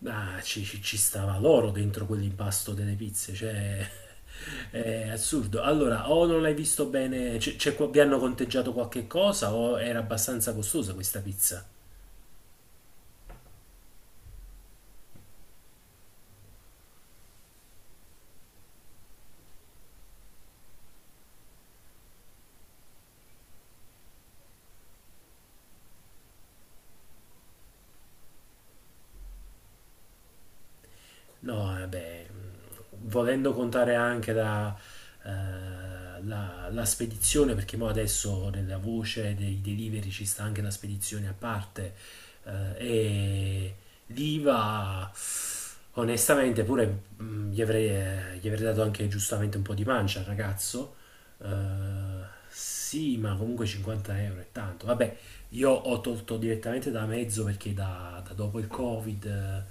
Ma ci stava l'oro dentro quell'impasto delle pizze, cioè è assurdo. Allora, o non l'hai visto bene, vi hanno conteggiato qualche cosa o era abbastanza costosa questa pizza? No, vabbè, volendo contare anche la spedizione, perché mo adesso nella voce dei delivery ci sta anche la spedizione a parte, e l'IVA, onestamente, pure gli avrei dato anche giustamente un po' di pancia al ragazzo, sì, ma comunque 50 euro è tanto. Vabbè, io ho tolto direttamente da mezzo perché da dopo il Covid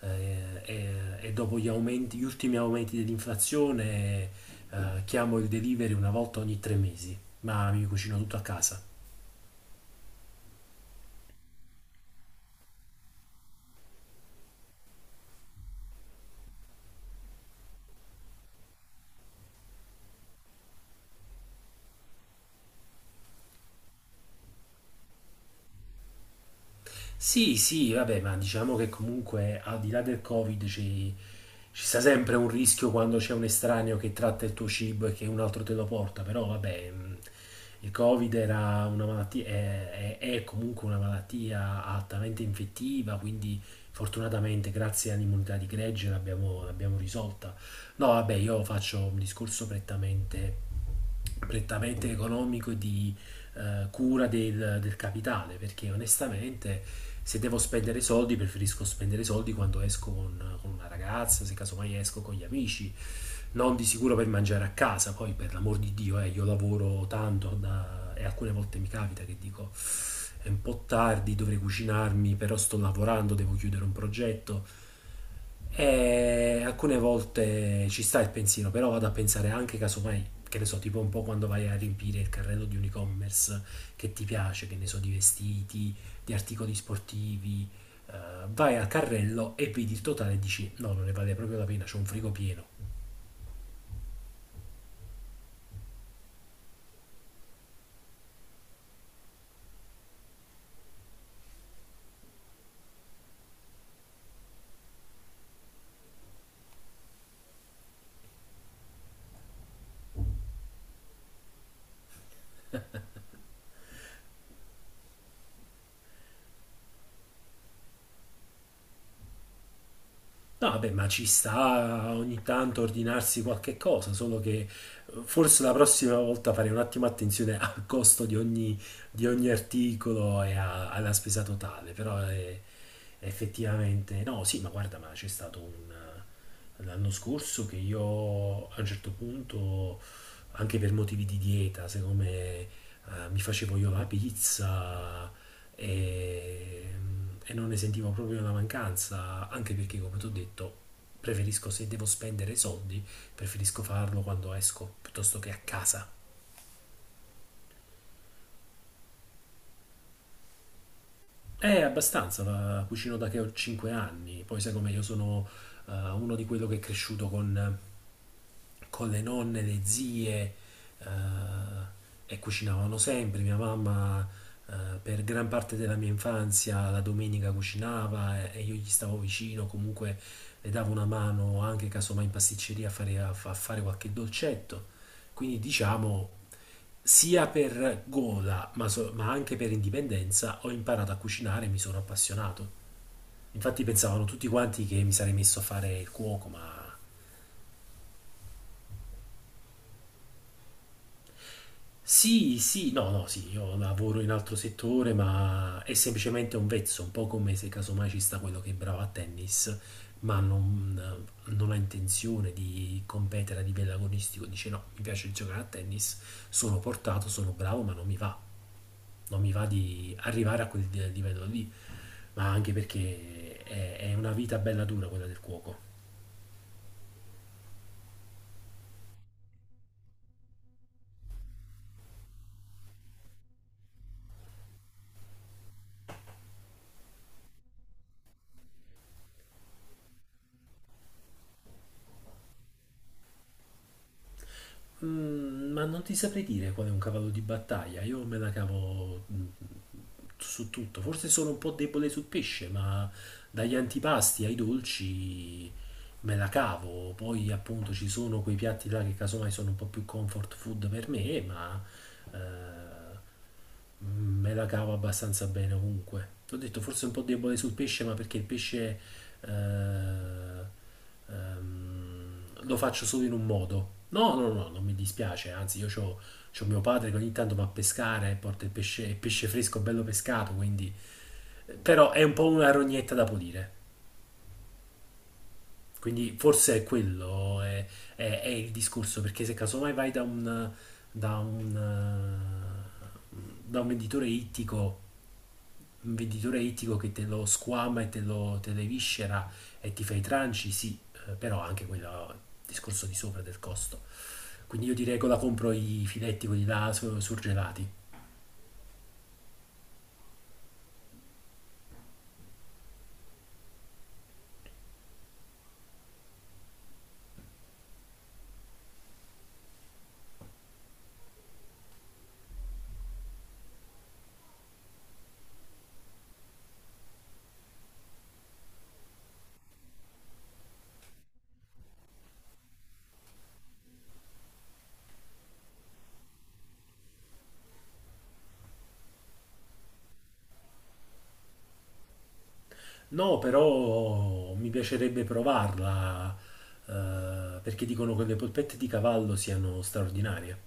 eh, e, e dopo gli aumenti, gli ultimi aumenti dell'inflazione, chiamo il delivery una volta ogni 3 mesi, ma mi cucino tutto a casa. Sì, sì, vabbè, ma diciamo che comunque al di là del Covid ci sta sempre un rischio quando c'è un estraneo che tratta il tuo cibo e che un altro te lo porta, però vabbè, il Covid era una malattia, è comunque una malattia altamente infettiva, quindi fortunatamente grazie all'immunità di gregge l'abbiamo risolta. No, vabbè, io faccio un discorso prettamente economico e di cura del capitale, perché onestamente se devo spendere soldi preferisco spendere soldi quando esco con una ragazza, se casomai esco con gli amici, non di sicuro per mangiare a casa, poi per l'amor di Dio, io lavoro tanto e alcune volte mi capita che dico è un po' tardi, dovrei cucinarmi, però sto lavorando, devo chiudere un progetto e alcune volte ci sta il pensiero, però vado a pensare anche casomai, che ne so, tipo un po' quando vai a riempire il carrello di un e-commerce che ti piace, che ne so, di vestiti, di articoli sportivi, eh, vai al carrello e vedi il totale e dici no, non ne vale proprio la pena, c'ho un frigo pieno. No, vabbè, ma ci sta ogni tanto ordinarsi qualche cosa, solo che forse la prossima volta farei un attimo attenzione al costo di ogni articolo e alla spesa totale, però effettivamente no, sì, ma guarda, ma c'è stato un l'anno scorso che io a un certo punto, anche per motivi di dieta, siccome mi facevo io la pizza e, e non ne sentivo proprio la mancanza, anche perché, come ti ho detto, preferisco se devo spendere soldi, preferisco farlo quando esco piuttosto che a casa. È abbastanza, la cucino da che ho 5 anni, poi sai come io sono uno di quello che è cresciuto con le nonne, le zie eh, e cucinavano sempre. Mia mamma eh, per gran parte della mia infanzia la domenica cucinava e io gli stavo vicino, comunque le davo una mano anche casomai in pasticceria a fare qualche dolcetto. Quindi diciamo sia per gola ma anche per indipendenza ho imparato a cucinare e mi sono appassionato. Infatti pensavano tutti quanti che mi sarei messo a fare il cuoco, ma sì, sì, no, no, sì, io lavoro in altro settore, ma è semplicemente un vezzo, un po' come se casomai ci sta quello che è bravo a tennis, ma non ha intenzione di competere a livello agonistico, dice no, mi piace giocare a tennis, sono portato, sono bravo, ma non mi va di arrivare a quel livello lì, ma anche perché è una vita bella dura quella del cuoco. Ma non ti saprei dire qual è un cavallo di battaglia. Io me la cavo su tutto. Forse sono un po' debole sul pesce, ma dagli antipasti ai dolci me la cavo. Poi appunto ci sono quei piatti là che casomai sono un po' più comfort food per me, ma eh, me la cavo abbastanza bene ovunque. Ti ho detto forse un po' debole sul pesce, ma perché il pesce eh, lo faccio solo in un modo. No, no, no, non mi dispiace, anzi io c'ho mio padre che ogni tanto va a pescare e porta il pesce fresco bello pescato, quindi... Però è un po' una rognetta da pulire. Quindi forse è quello, è il discorso, perché se casomai vai da un, eh, da un venditore ittico, un venditore ittico, che te lo squama e te le viscera e ti fa i tranci, sì, però anche quello è il discorso di sopra del costo. Quindi io di regola compro i filetti, quelli là surgelati. No, però mi piacerebbe provarla, perché dicono che le polpette di cavallo siano straordinarie.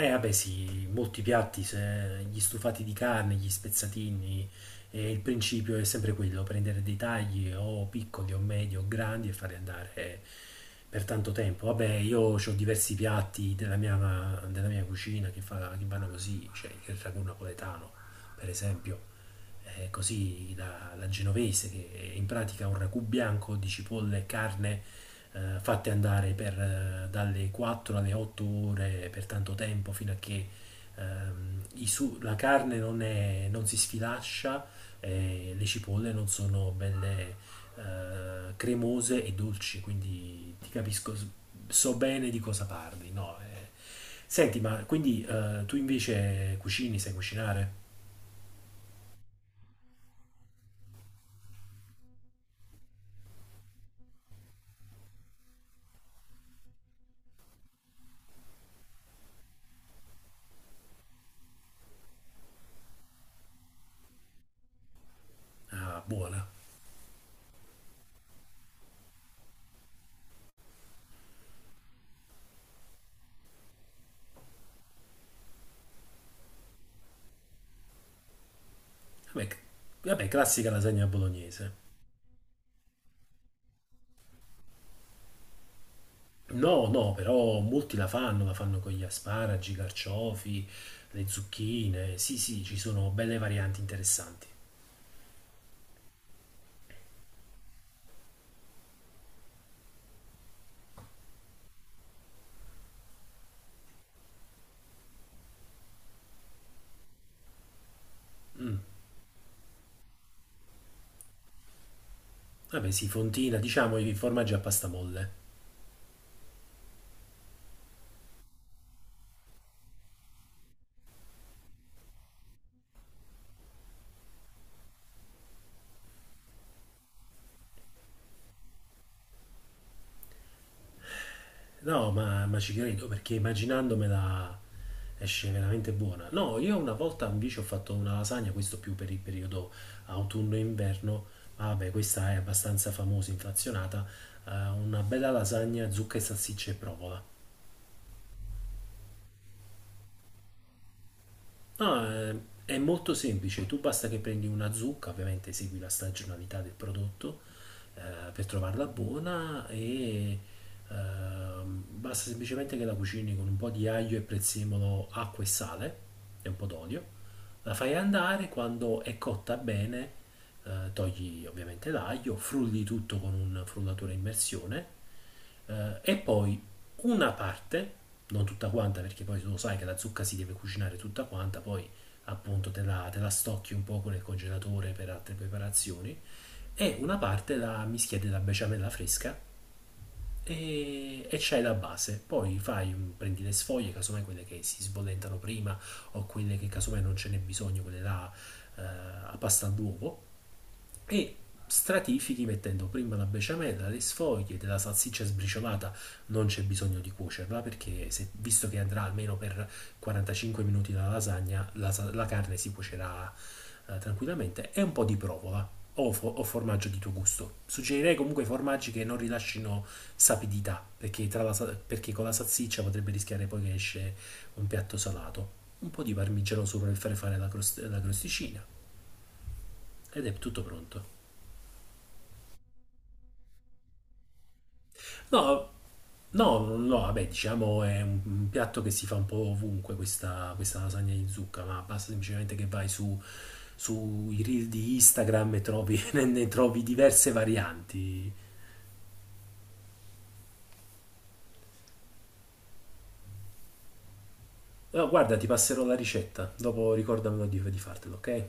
Vabbè, sì, molti piatti, gli stufati di carne, gli spezzatini, il principio è sempre quello, prendere dei tagli o piccoli o medi o grandi e farli andare per tanto tempo. Vabbè, io ho diversi piatti della mia cucina che vanno così, cioè il ragù napoletano, per esempio così la genovese, che è in pratica un ragù bianco di cipolle e carne fatte andare per, dalle 4 alle 8 ore per tanto tempo fino a che la carne non si sfilaccia e le cipolle non sono belle cremose e dolci, quindi ti capisco, so bene di cosa parli, no? Senti, ma quindi tu invece cucini, sai cucinare? Ah, buona. Vabbè, vabbè, classica lasagna bolognese. No, no, però molti la fanno con gli asparagi, i carciofi, le zucchine. Sì, sì, ci sono belle varianti interessanti. Mm. Vabbè, sì, fontina, diciamo i formaggi a pasta molle. No, ma ci credo perché immaginandomela esce veramente buona. No, io una volta invece ho fatto una lasagna, questo più per il periodo autunno-inverno. Vabbè, questa è abbastanza famosa, inflazionata. Una bella lasagna, zucca e salsiccia e provola. No, è molto semplice, tu basta che prendi una zucca, ovviamente segui la stagionalità del prodotto per trovarla buona e basta semplicemente che la cucini con un po' di aglio e prezzemolo, acqua e sale e un po' d'olio, la fai andare, quando è cotta bene togli ovviamente l'aglio, frulli tutto con un frullatore a immersione e poi una parte, non tutta quanta perché poi tu lo sai che la zucca si deve cucinare tutta quanta, poi appunto te la stocchi un poco nel congelatore per altre preparazioni, e una parte la mischia della besciamella fresca e c'hai la base. Poi prendi le sfoglie, casomai quelle che si sbollentano prima o quelle che casomai non ce n'è bisogno, quelle là a pasta all'uovo, e stratifichi mettendo prima la besciamella, le sfoglie della salsiccia sbriciolata, non c'è bisogno di cuocerla perché visto che andrà almeno per 45 minuti la lasagna, la carne si cuocerà tranquillamente e un po' di provola o formaggio di tuo gusto. Suggerirei comunque formaggi che non rilascino sapidità perché con la salsiccia potrebbe rischiare poi che esce un piatto salato. Un po' di parmigiano sopra per fare la crosticina ed è tutto pronto. No, no, no, vabbè, diciamo è un piatto che si fa un po' ovunque questa, lasagna di zucca, ma basta semplicemente che vai sui reel di Instagram e trovi, ne trovi diverse varianti. No, guarda, ti passerò la ricetta, dopo ricordamelo di fartelo, ok?